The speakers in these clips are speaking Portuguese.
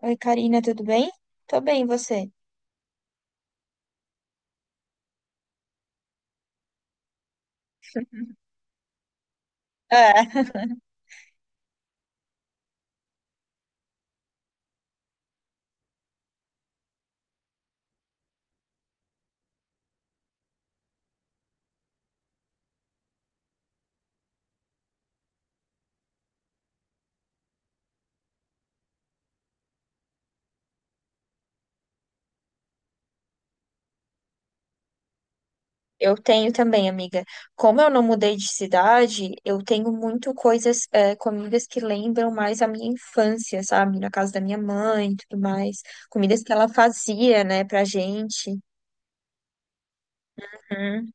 Oi, Karina, tudo bem? Tô bem, e você? É, eu tenho também, amiga. Como eu não mudei de cidade, eu tenho muito coisas, comidas que lembram mais a minha infância, sabe? Na casa da minha mãe e tudo mais. Comidas que ela fazia, né, pra gente. Uhum.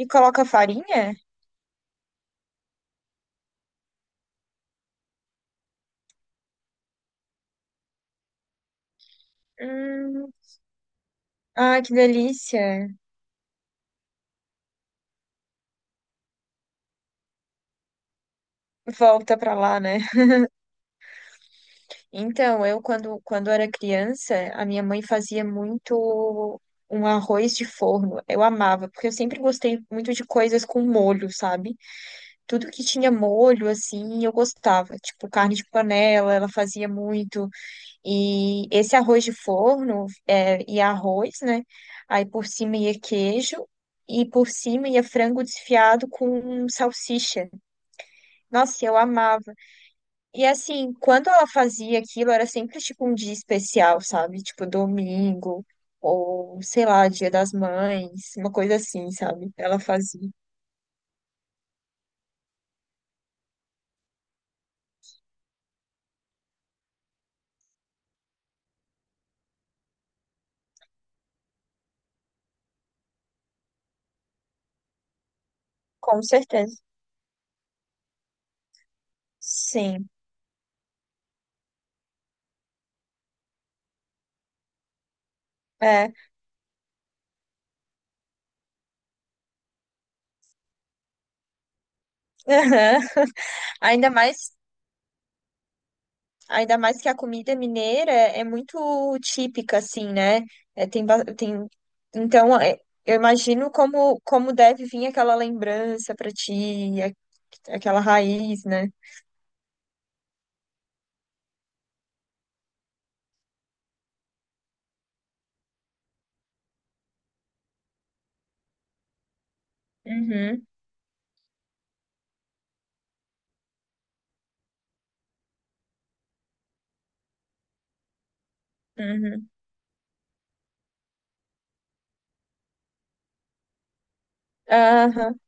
E coloca farinha? Hum, ai, que delícia. Volta pra lá, né? Então, eu quando era criança, a minha mãe fazia muito um arroz de forno. Eu amava, porque eu sempre gostei muito de coisas com molho, sabe? Tudo que tinha molho, assim, eu gostava. Tipo, carne de panela, ela fazia muito. E esse arroz de forno, é, ia arroz, né? Aí por cima ia queijo. E por cima ia frango desfiado com salsicha. Nossa, eu amava. E assim, quando ela fazia aquilo, era sempre tipo um dia especial, sabe? Tipo domingo, ou sei lá, Dia das Mães, uma coisa assim, sabe? Ela fazia. Com certeza. Sim. É. Aham. Ainda mais, ainda mais que a comida mineira é muito típica, assim, né? É, tem, tem... Então, é, eu imagino como deve vir aquela lembrança pra ti, aquela raiz, né? Uhum, uhum. Aham.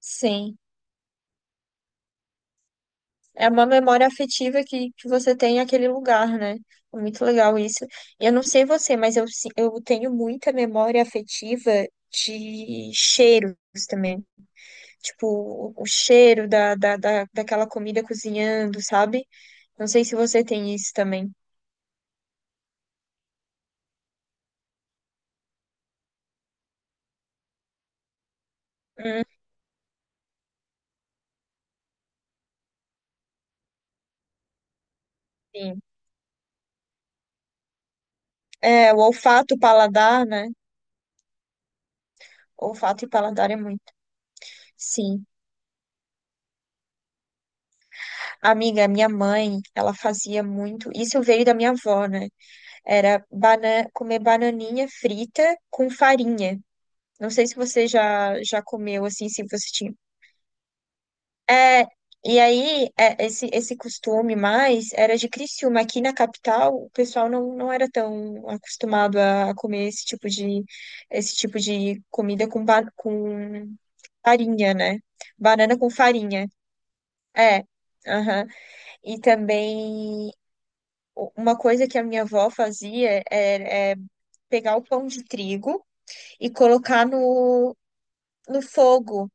Sim, é uma memória afetiva que você tem naquele lugar, né? É muito legal isso. Eu não sei você, mas eu, eu tenho muita memória afetiva de cheiros também. Tipo, o cheiro daquela comida cozinhando, sabe? Não sei se você tem isso também. Hum, Sim. É, o olfato, o paladar, né? Olfato e paladar é muito. Sim. Amiga, minha mãe, ela fazia muito. Isso veio da minha avó, né? Era bana comer bananinha frita com farinha. Não sei se você já comeu assim, se você tinha. É, esse, esse costume mais era de Criciúma. Aqui na capital, o pessoal não era tão acostumado a comer esse tipo de comida com, com farinha, né? Banana com farinha. É. Aham. E também, uma coisa que a minha avó fazia era pegar o pão de trigo. E colocar no fogo,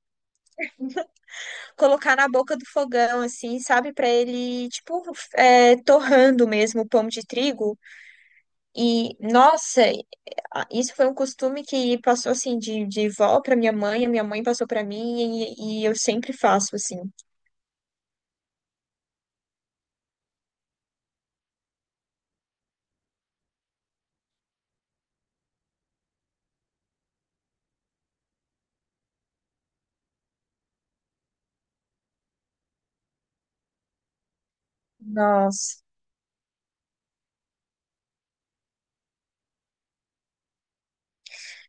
colocar na boca do fogão, assim, sabe? Pra ele, tipo, é, torrando mesmo o pão de trigo. E, nossa, isso foi um costume que passou, assim, de vó pra minha mãe, a minha mãe passou pra mim e eu sempre faço, assim. Nossa.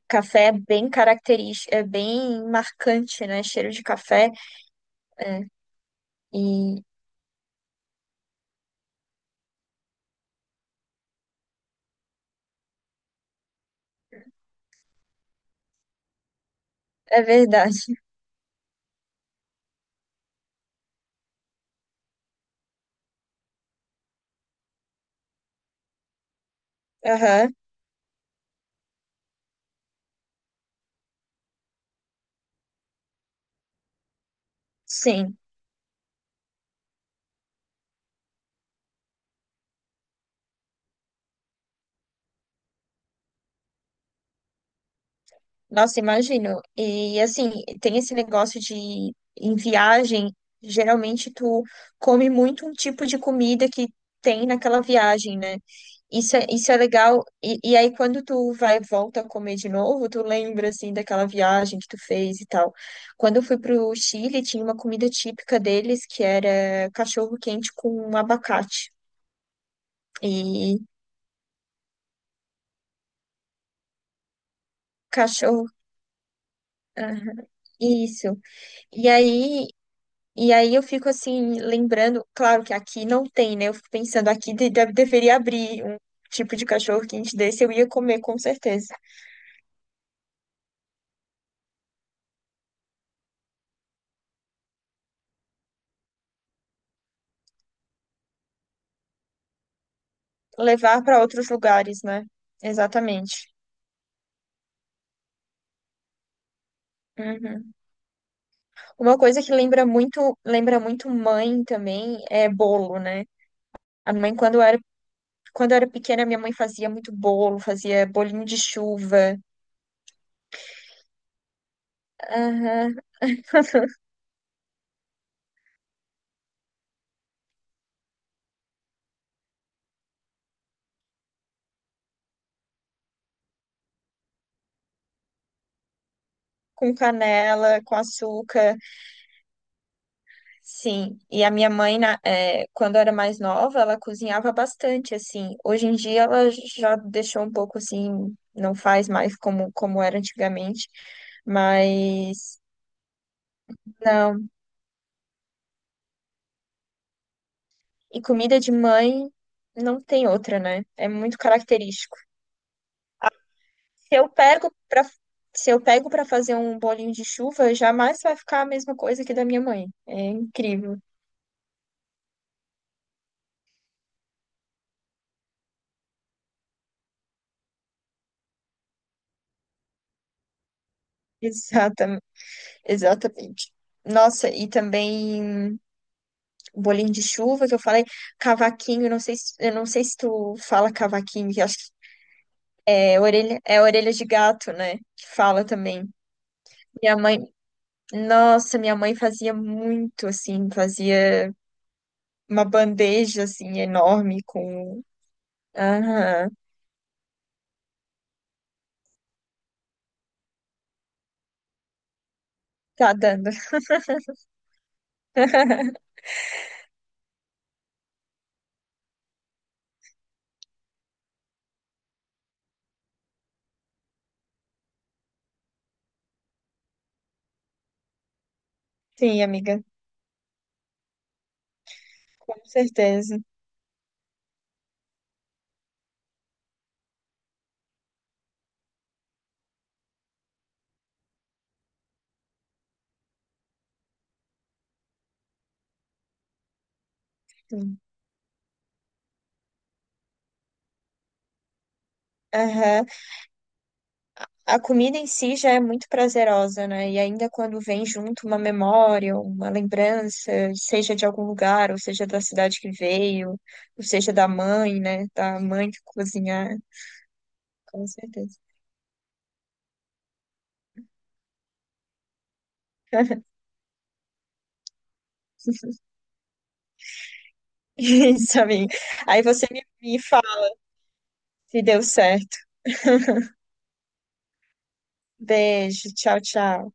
Café é bem característico, é bem marcante, né? Cheiro de café. É, e é verdade. Aham, sim. Nossa, imagino. E assim, tem esse negócio de em viagem, geralmente tu come muito um tipo de comida que tem naquela viagem, né? Isso é legal. E aí quando tu vai volta a comer de novo, tu lembra assim daquela viagem que tu fez e tal. Quando eu fui pro Chile, tinha uma comida típica deles que era cachorro quente com abacate. E cachorro, ah, isso. E aí E aí eu fico assim, lembrando, claro que aqui não tem, né? Eu fico pensando, aqui deveria abrir um tipo de cachorro quente desse, eu ia comer com certeza. Levar para outros lugares, né? Exatamente. Uhum. Uma coisa que lembra muito mãe também é bolo, né? A mãe, quando eu era pequena, minha mãe fazia muito bolo, fazia bolinho de chuva, aham, com canela, com açúcar. Sim, e a minha mãe, quando era mais nova, ela cozinhava bastante, assim. Hoje em dia ela já deixou um pouco assim, não faz mais como era antigamente, mas não. E comida de mãe não tem outra, né? É muito característico. Se eu pego para se eu pego para fazer um bolinho de chuva, jamais vai ficar a mesma coisa que da minha mãe. É incrível. Exatamente. Exatamente. Nossa, e também o bolinho de chuva que eu falei, cavaquinho, eu não sei se, eu não sei se tu fala cavaquinho, que eu acho que é orelha de gato, né? Que fala também. Minha mãe, nossa, minha mãe fazia muito assim, fazia uma bandeja assim enorme com. Aham, tá dando. Sim, amiga, com certeza. Sim. Aham. A comida em si já é muito prazerosa, né? E ainda quando vem junto uma memória, uma lembrança, seja de algum lugar, ou seja da cidade que veio, ou seja da mãe, né? Da mãe que cozinhar, com certeza. Isso, amiga. Aí você me fala se deu certo. Beijo, tchau, tchau.